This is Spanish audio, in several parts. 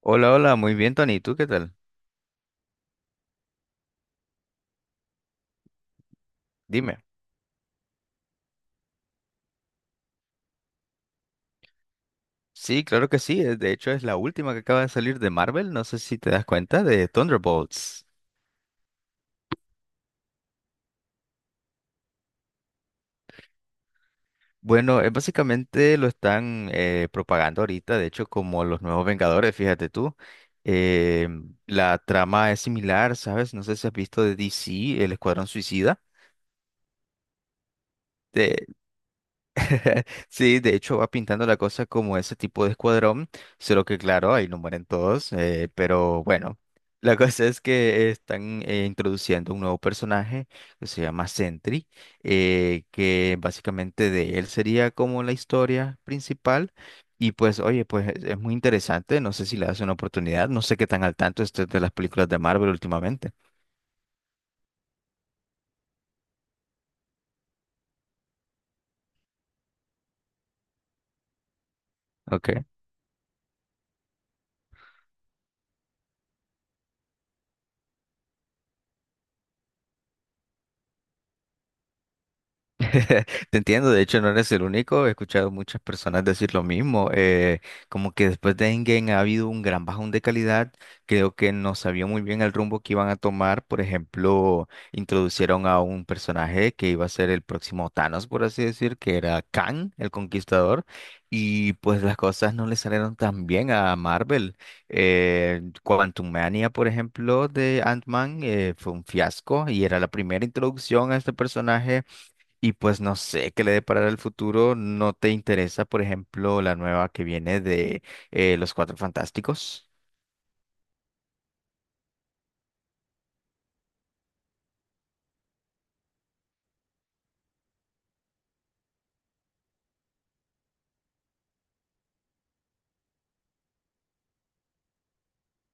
Hola, hola, muy bien, Tony. ¿Tú qué tal? Dime. Sí, claro que sí. De hecho, es la última que acaba de salir de Marvel. No sé si te das cuenta de Thunderbolts. Bueno, básicamente lo están propagando ahorita, de hecho, como los nuevos Vengadores, fíjate tú. Eh, la trama es similar, ¿sabes? No sé si has visto de DC, El Escuadrón Suicida. Sí, de hecho va pintando la cosa como ese tipo de escuadrón, solo que claro, ahí no mueren todos, pero bueno, la cosa es que están introduciendo un nuevo personaje que se llama Sentry, que básicamente de él sería como la historia principal. Y pues, oye, pues es muy interesante, no sé si le das una oportunidad, no sé qué tan al tanto estés de las películas de Marvel últimamente. Ok. Te entiendo, de hecho no eres el único, he escuchado muchas personas decir lo mismo, como que después de Endgame ha habido un gran bajón de calidad, creo que no sabía muy bien el rumbo que iban a tomar, por ejemplo, introducieron a un personaje que iba a ser el próximo Thanos, por así decir, que era Kang, el Conquistador, y pues las cosas no le salieron tan bien a Marvel. Quantumania, por ejemplo, de Ant-Man, fue un fiasco y era la primera introducción a este personaje y pues no sé qué le deparará el futuro. ¿No te interesa, por ejemplo, la nueva que viene de Los Cuatro Fantásticos?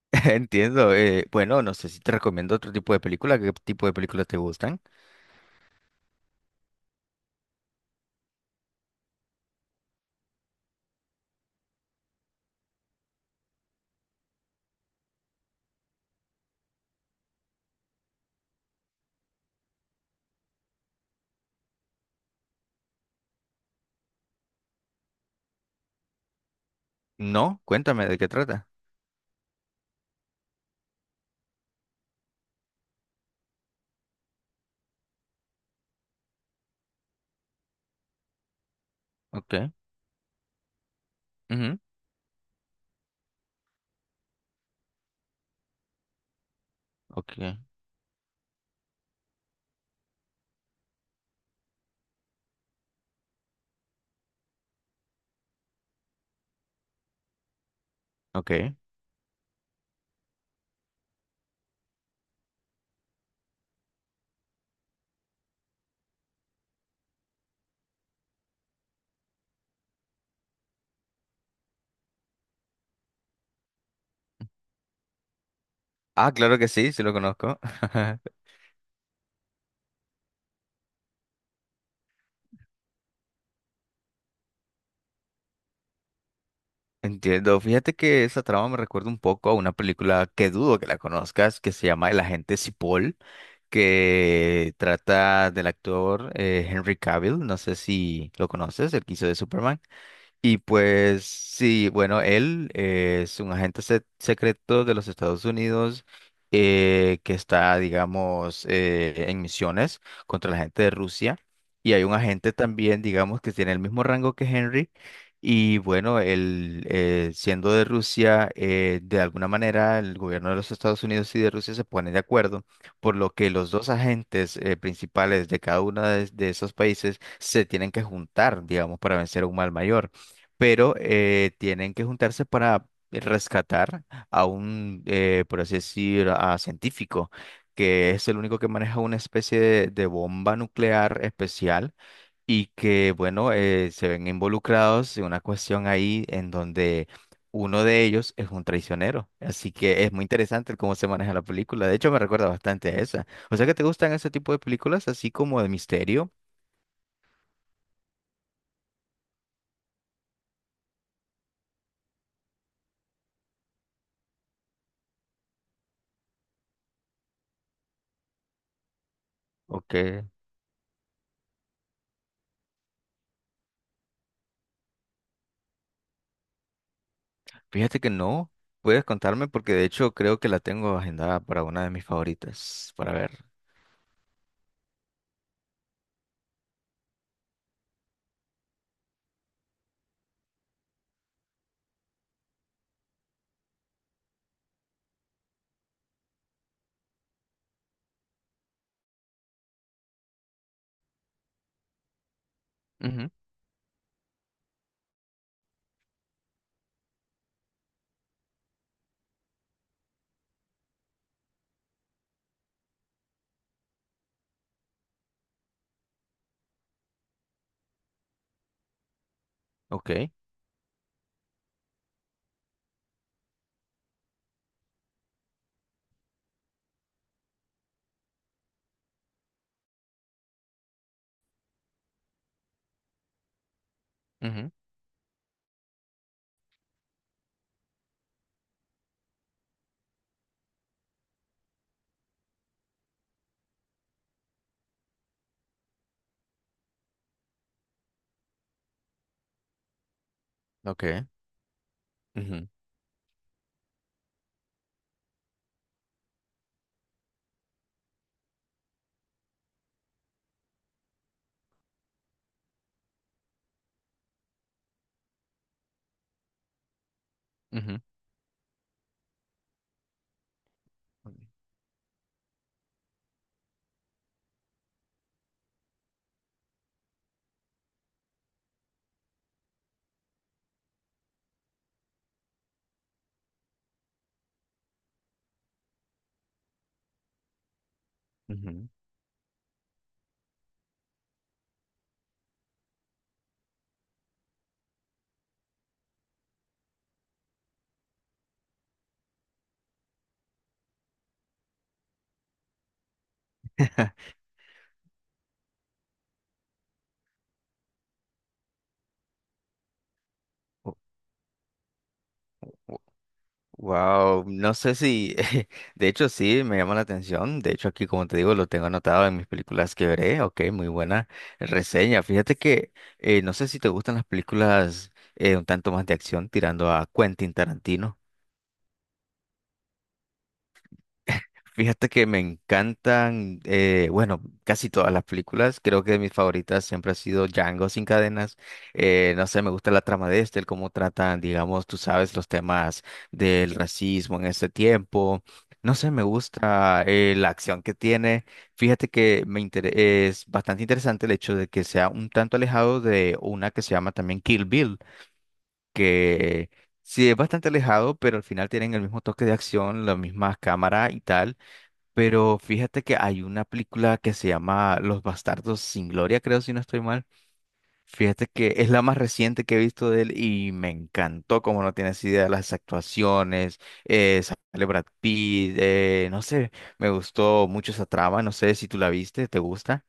Entiendo. Bueno, no sé si te recomiendo otro tipo de película. ¿Qué tipo de películas te gustan? No, cuéntame de qué trata. Ok, ujú, ok, ok. Ah, claro que sí, sí lo conozco. Entiendo. Fíjate que esa trama me recuerda un poco a una película que dudo que la conozcas, que se llama El Agente Cipoll, que trata del actor Henry Cavill, no sé si lo conoces, el que hizo de Superman. Y pues sí, bueno, él es un secreto de los Estados Unidos que está, digamos, en misiones contra la gente de Rusia. Y hay un agente también, digamos, que tiene el mismo rango que Henry. Y bueno, él siendo de Rusia, de alguna manera el gobierno de los Estados Unidos y de Rusia se ponen de acuerdo, por lo que los dos agentes principales de cada uno de esos países se tienen que juntar, digamos, para vencer a un mal mayor, pero tienen que juntarse para rescatar a un, por así decir, a científico, que es el único que maneja una especie de bomba nuclear especial y que, bueno, se ven involucrados en una cuestión ahí en donde uno de ellos es un traicionero. Así que es muy interesante el cómo se maneja la película. De hecho, me recuerda bastante a esa. O sea que te gustan ese tipo de películas, así como de misterio, ¿ok? Fíjate que no, puedes contarme porque de hecho creo que la tengo agendada para una de mis favoritas, para ver. Ujú, ok, ujú, ok. Ujú, ujú, ujú. Wow, no sé si, de hecho sí, me llama la atención. De hecho aquí, como te digo, lo tengo anotado en mis películas que veré. Ok, muy buena reseña. Fíjate que no sé si te gustan las películas un tanto más de acción tirando a Quentin Tarantino. Fíjate que me encantan, bueno, casi todas las películas. Creo que mis favoritas siempre ha sido Django sin cadenas. No sé, me gusta la trama de este, el cómo tratan, digamos, tú sabes, los temas del racismo en este tiempo. No sé, me gusta la acción que tiene. Fíjate que es bastante interesante el hecho de que sea un tanto alejado de una que se llama también Kill Bill, que sí es bastante alejado, pero al final tienen el mismo toque de acción, la misma cámara y tal. Pero fíjate que hay una película que se llama Los Bastardos sin Gloria, creo, si no estoy mal. Fíjate que es la más reciente que he visto de él y me encantó, como no tienes idea, las actuaciones, sale Brad Pitt, no sé, me gustó mucho esa trama, no sé si tú la viste, ¿te gusta?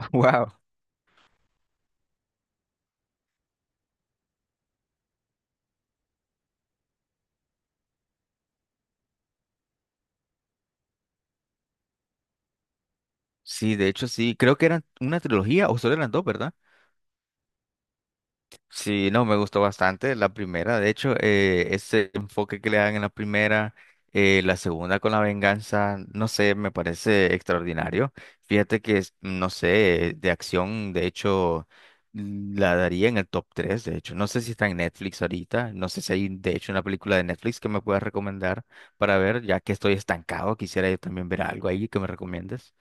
Wow. Sí, de hecho sí, creo que eran una trilogía o solo eran dos, ¿verdad? Sí, no, me gustó bastante la primera. De hecho, ese enfoque que le dan en la primera, la segunda con la venganza, no sé, me parece extraordinario. Fíjate que, no sé, de acción, de hecho, la daría en el top 3, de hecho. No sé si está en Netflix ahorita, no sé si hay, de hecho, una película de Netflix que me puedas recomendar para ver, ya que estoy estancado, quisiera yo también ver algo ahí que me recomiendes.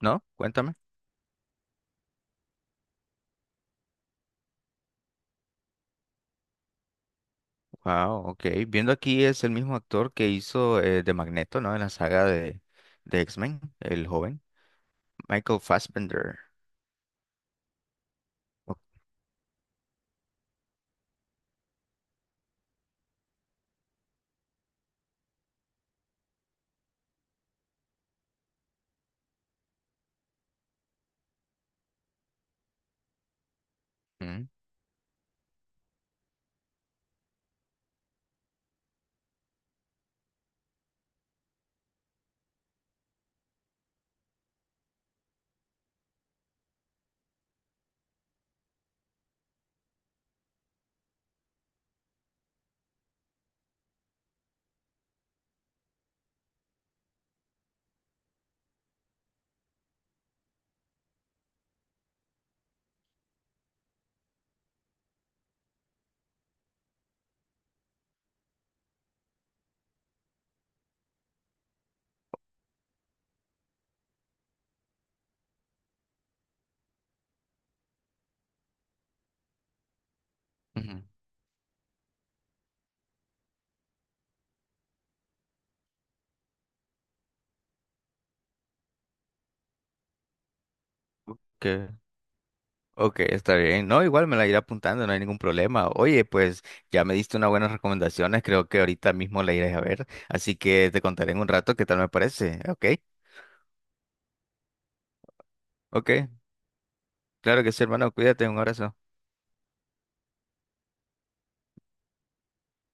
¿No? Cuéntame. Wow, ok. Viendo aquí es el mismo actor que hizo de Magneto, ¿no? En la saga de X-Men, el joven. Michael Fassbender. Ok, mm, ujú. Ok, ok, está bien. No, igual me la iré apuntando, no hay ningún problema. Oye, pues ya me diste unas buenas recomendaciones, creo que ahorita mismo la iré a ver. Así que te contaré en un rato qué tal me parece. Ok, ok. Claro que sí, hermano, cuídate, un abrazo.